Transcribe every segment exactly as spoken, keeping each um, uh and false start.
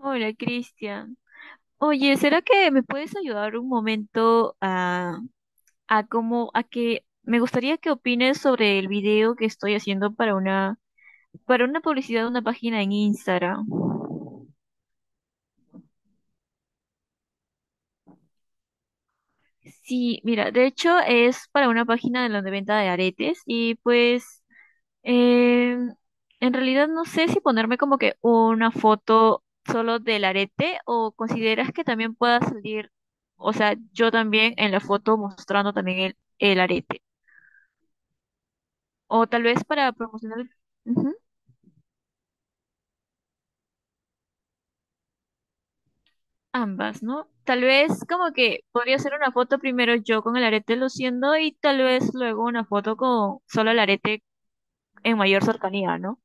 Hola, Cristian. Oye, ¿será que me puedes ayudar un momento a, a cómo, a que me gustaría que opines sobre el video que estoy haciendo para una, para una publicidad de una página en Instagram? Sí, mira, de hecho es para una página de la de venta de aretes y pues eh, en realidad no sé si ponerme como que una foto solo del arete o consideras que también pueda salir, o sea, yo también en la foto mostrando también el, el arete. O tal vez para promocionar el- ujú, ambas, ¿no? Tal vez como que podría hacer una foto primero yo con el arete luciendo y tal vez luego una foto con solo el arete en mayor cercanía, ¿no?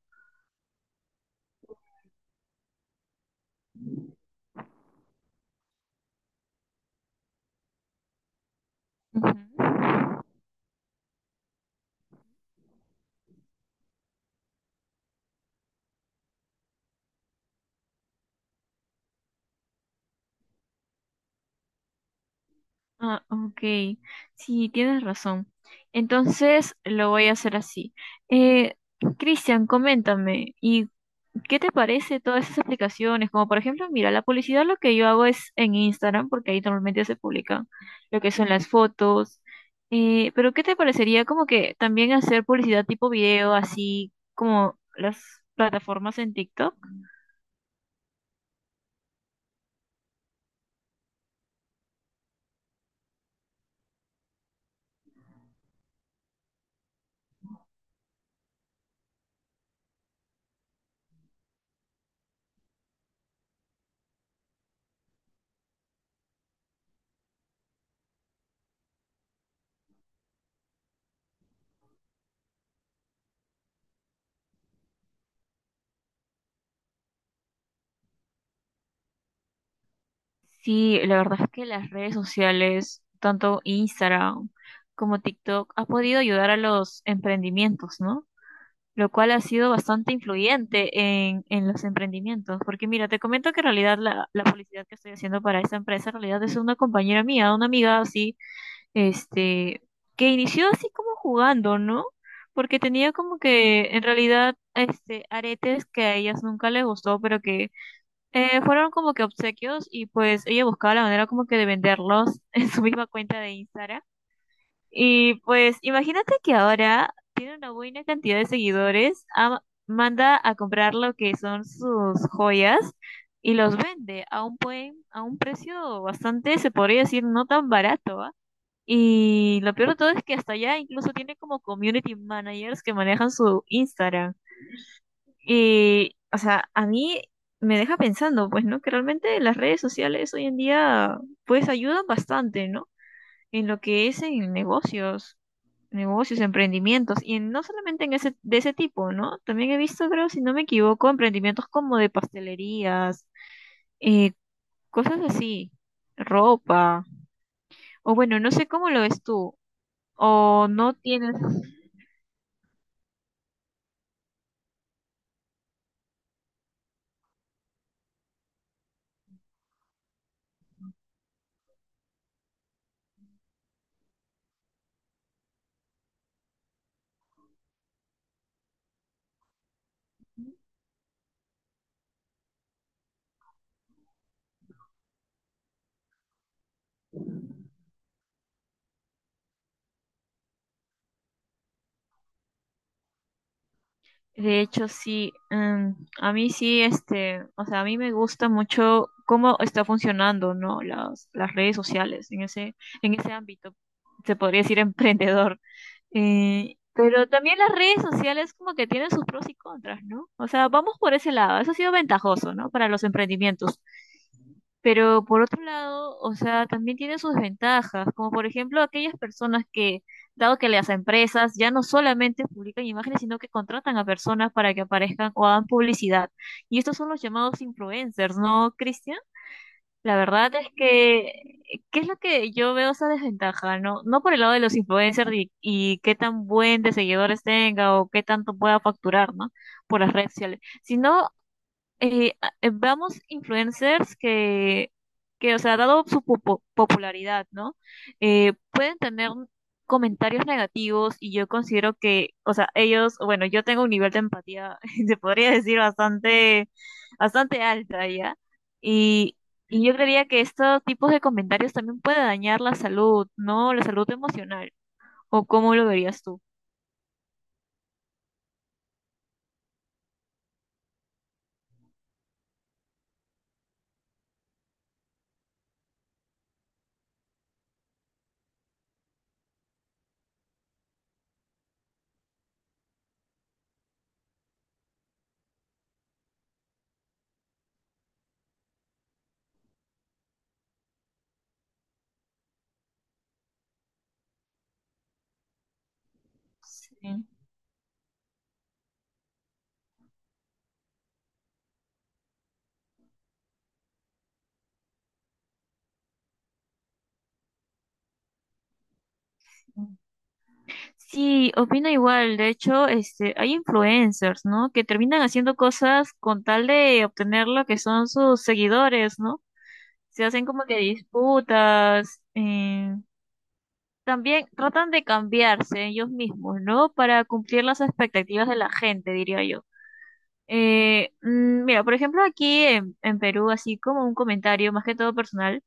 Ujú. Ah, ok. Sí, tienes razón. Entonces lo voy a hacer así. Eh, Cristian, coméntame, ¿y ¿qué te parece todas esas aplicaciones? Como por ejemplo, mira, la publicidad lo que yo hago es en Instagram, porque ahí normalmente se publican lo que son las fotos. Eh, pero ¿qué te parecería como que también hacer publicidad tipo video, así como las plataformas en TikTok? Sí, la verdad es que las redes sociales, tanto Instagram como TikTok, ha podido ayudar a los emprendimientos, ¿no? Lo cual ha sido bastante influyente en, en los emprendimientos. Porque mira, te comento que en realidad la, la publicidad que estoy haciendo para esa empresa en realidad es una compañera mía, una amiga así, este, que inició así como jugando, ¿no? Porque tenía como que en realidad este aretes que a ellas nunca les gustó, pero que eh, fueron como que obsequios y pues ella buscaba la manera como que de venderlos en su misma cuenta de Instagram. Y pues imagínate que ahora tiene una buena cantidad de seguidores, am- manda a comprar lo que son sus joyas y los vende a un buen, a un precio bastante, se podría decir, no tan barato, ¿ah? Y lo peor de todo es que hasta allá incluso tiene como community managers que manejan su Instagram. Y, o sea, a mí me deja pensando, pues, ¿no? Que realmente las redes sociales hoy en día, pues, ayudan bastante, ¿no? En lo que es en negocios, negocios, emprendimientos, y en- no solamente en ese, de ese tipo, ¿no? También he visto, creo, si no me equivoco, emprendimientos como de pastelerías, eh, cosas así, ropa, o bueno, no sé cómo lo ves tú, o no tienes. De hecho, sí, em, a mí sí, este, o sea, a mí me gusta mucho cómo está funcionando, ¿no? Las, las redes sociales en ese, en ese ámbito, se podría decir emprendedor. Eh, pero también las redes sociales como que tienen sus pros y contras, ¿no? O sea, vamos por ese lado. Eso ha sido ventajoso, ¿no? Para los emprendimientos. Pero por otro lado, o sea, también tiene sus ventajas, como por ejemplo aquellas personas que, dado que las empresas ya no solamente publican imágenes, sino que contratan a personas para que aparezcan o hagan publicidad. Y estos son los llamados influencers, ¿no, Cristian? La verdad es que, ¿qué es lo que yo veo esa desventaja? No, no por el lado de los influencers y, y qué tan buen de seguidores tenga o qué tanto pueda facturar, ¿no? Por las redes sociales, sino eh, a- eh, vamos influencers que, que, o sea, dado su popu- popularidad, ¿no? Eh, pueden tener comentarios negativos y yo considero que, o sea, ellos, bueno, yo tengo un nivel de empatía, se podría decir, bastante, bastante alta, ¿ya? Y, y yo creería que estos tipos de comentarios también puede dañar la salud, ¿no? La salud emocional. ¿O cómo lo verías tú? Sí. Sí, opino igual. De hecho, este, hay influencers, ¿no? Que terminan haciendo cosas con tal de obtener lo que son sus seguidores, ¿no? Se hacen como que disputas. eh, También tratan de cambiarse ellos mismos, ¿no? Para cumplir las expectativas de la gente, diría yo. Eh, mm, mira, por ejemplo, aquí en, en Perú, así como un comentario más que todo personal,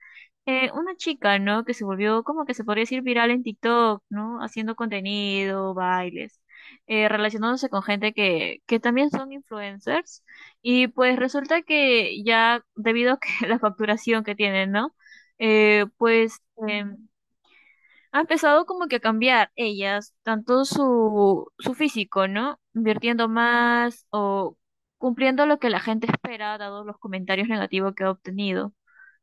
eh, una chica, ¿no? Que se volvió como que se podría decir viral en TikTok, ¿no? Haciendo contenido, bailes, eh, relacionándose con gente que, que también son influencers. Y pues resulta que ya debido a que la facturación que tienen, ¿no? Eh, pues em, ha empezado como que a cambiar ellas, tanto su, su físico, ¿no? Invirtiendo más o cumpliendo lo que la gente espera, dado los comentarios negativos que ha obtenido.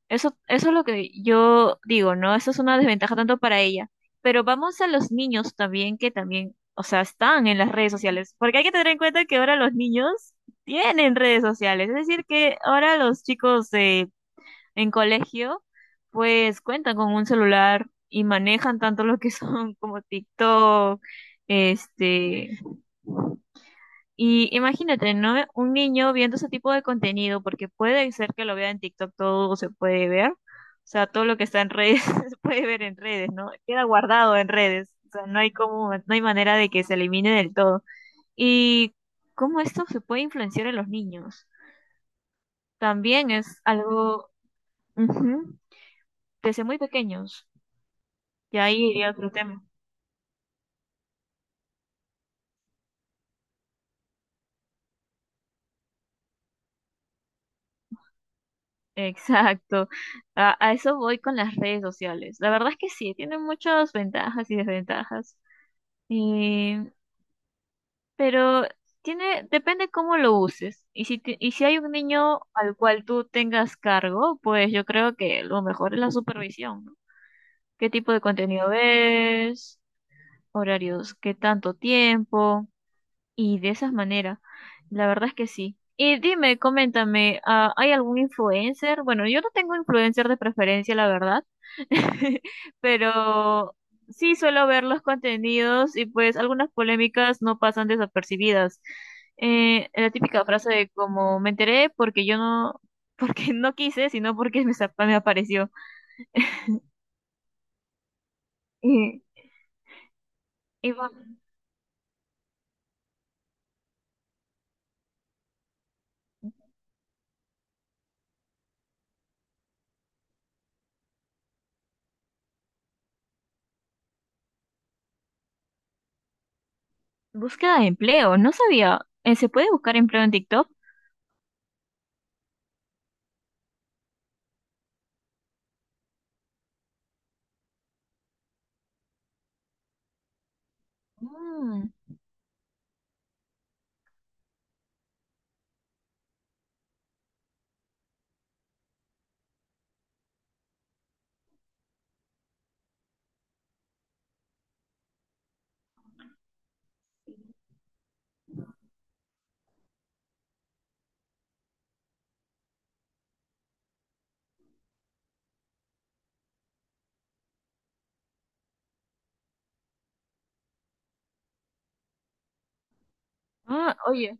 Eso, eso es lo que yo digo, ¿no? Eso es una desventaja tanto para ella. Pero vamos a los niños también, que también, o sea, están en las redes sociales. Porque hay que tener en cuenta que ahora los niños tienen redes sociales. Es decir, que ahora los chicos de en colegio, pues cuentan con un celular y manejan tanto lo que son como TikTok, este, y imagínate, ¿no? Un niño viendo ese tipo de contenido, porque puede ser que lo vea en TikTok, todo se puede ver, o sea, todo lo que está en redes se puede ver en redes, ¿no? Queda guardado en redes, o sea, no hay como, no hay manera de que se elimine del todo. Y cómo esto se puede influenciar en los niños, también es algo, ujú, desde muy pequeños. Y ahí iría otro tema. Exacto. A, a eso voy con las redes sociales. La verdad es que sí, tiene muchas ventajas y desventajas. Eh, pero tiene, depende cómo lo uses. Y si, ti- y si hay un niño al cual tú tengas cargo, pues yo creo que lo mejor es la supervisión, ¿no? ¿Qué tipo de contenido ves? ¿Horarios? ¿Qué tanto tiempo? Y de esas maneras, la verdad es que sí. Y dime, coméntame, ah, ¿hay algún influencer? Bueno, yo no tengo influencer de preferencia, la verdad, pero sí suelo ver los contenidos y pues algunas polémicas no pasan desapercibidas. Eh, la típica frase de como me enteré porque yo no, porque no quise, sino porque me, sa- me apareció. Y, y va- Búsqueda de empleo, no sabía. Eh, ¿se puede buscar empleo en TikTok? Mm. Ah, oye.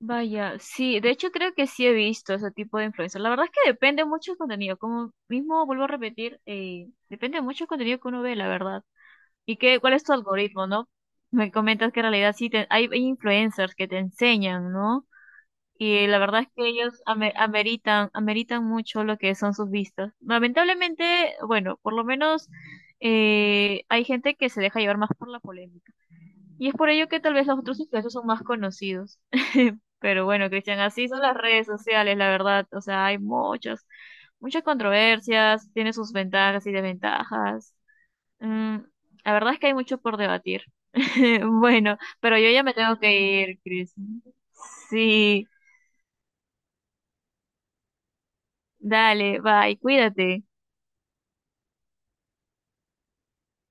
Vaya, sí, de hecho creo que sí he visto ese tipo de influencers. La verdad es que depende mucho del contenido, como mismo vuelvo a repetir, eh, depende mucho del contenido que uno ve, la verdad. ¿Y qué, cuál es tu algoritmo, no? Me comentas que en realidad sí te- hay, hay influencers que te enseñan, ¿no? Y la verdad es que ellos ame- ameritan, ameritan mucho lo que son sus vistas. Lamentablemente, bueno, por lo menos eh, hay gente que se deja llevar más por la polémica. Y es por ello que tal vez los otros influencers son más conocidos. Pero bueno, Cristian, así son las redes sociales, la verdad. O sea, hay muchas, muchas controversias, tiene sus ventajas y desventajas. Mm, la verdad es que hay mucho por debatir. Bueno, pero yo ya me tengo que ir, Cris. Sí, dale, bye, cuídate.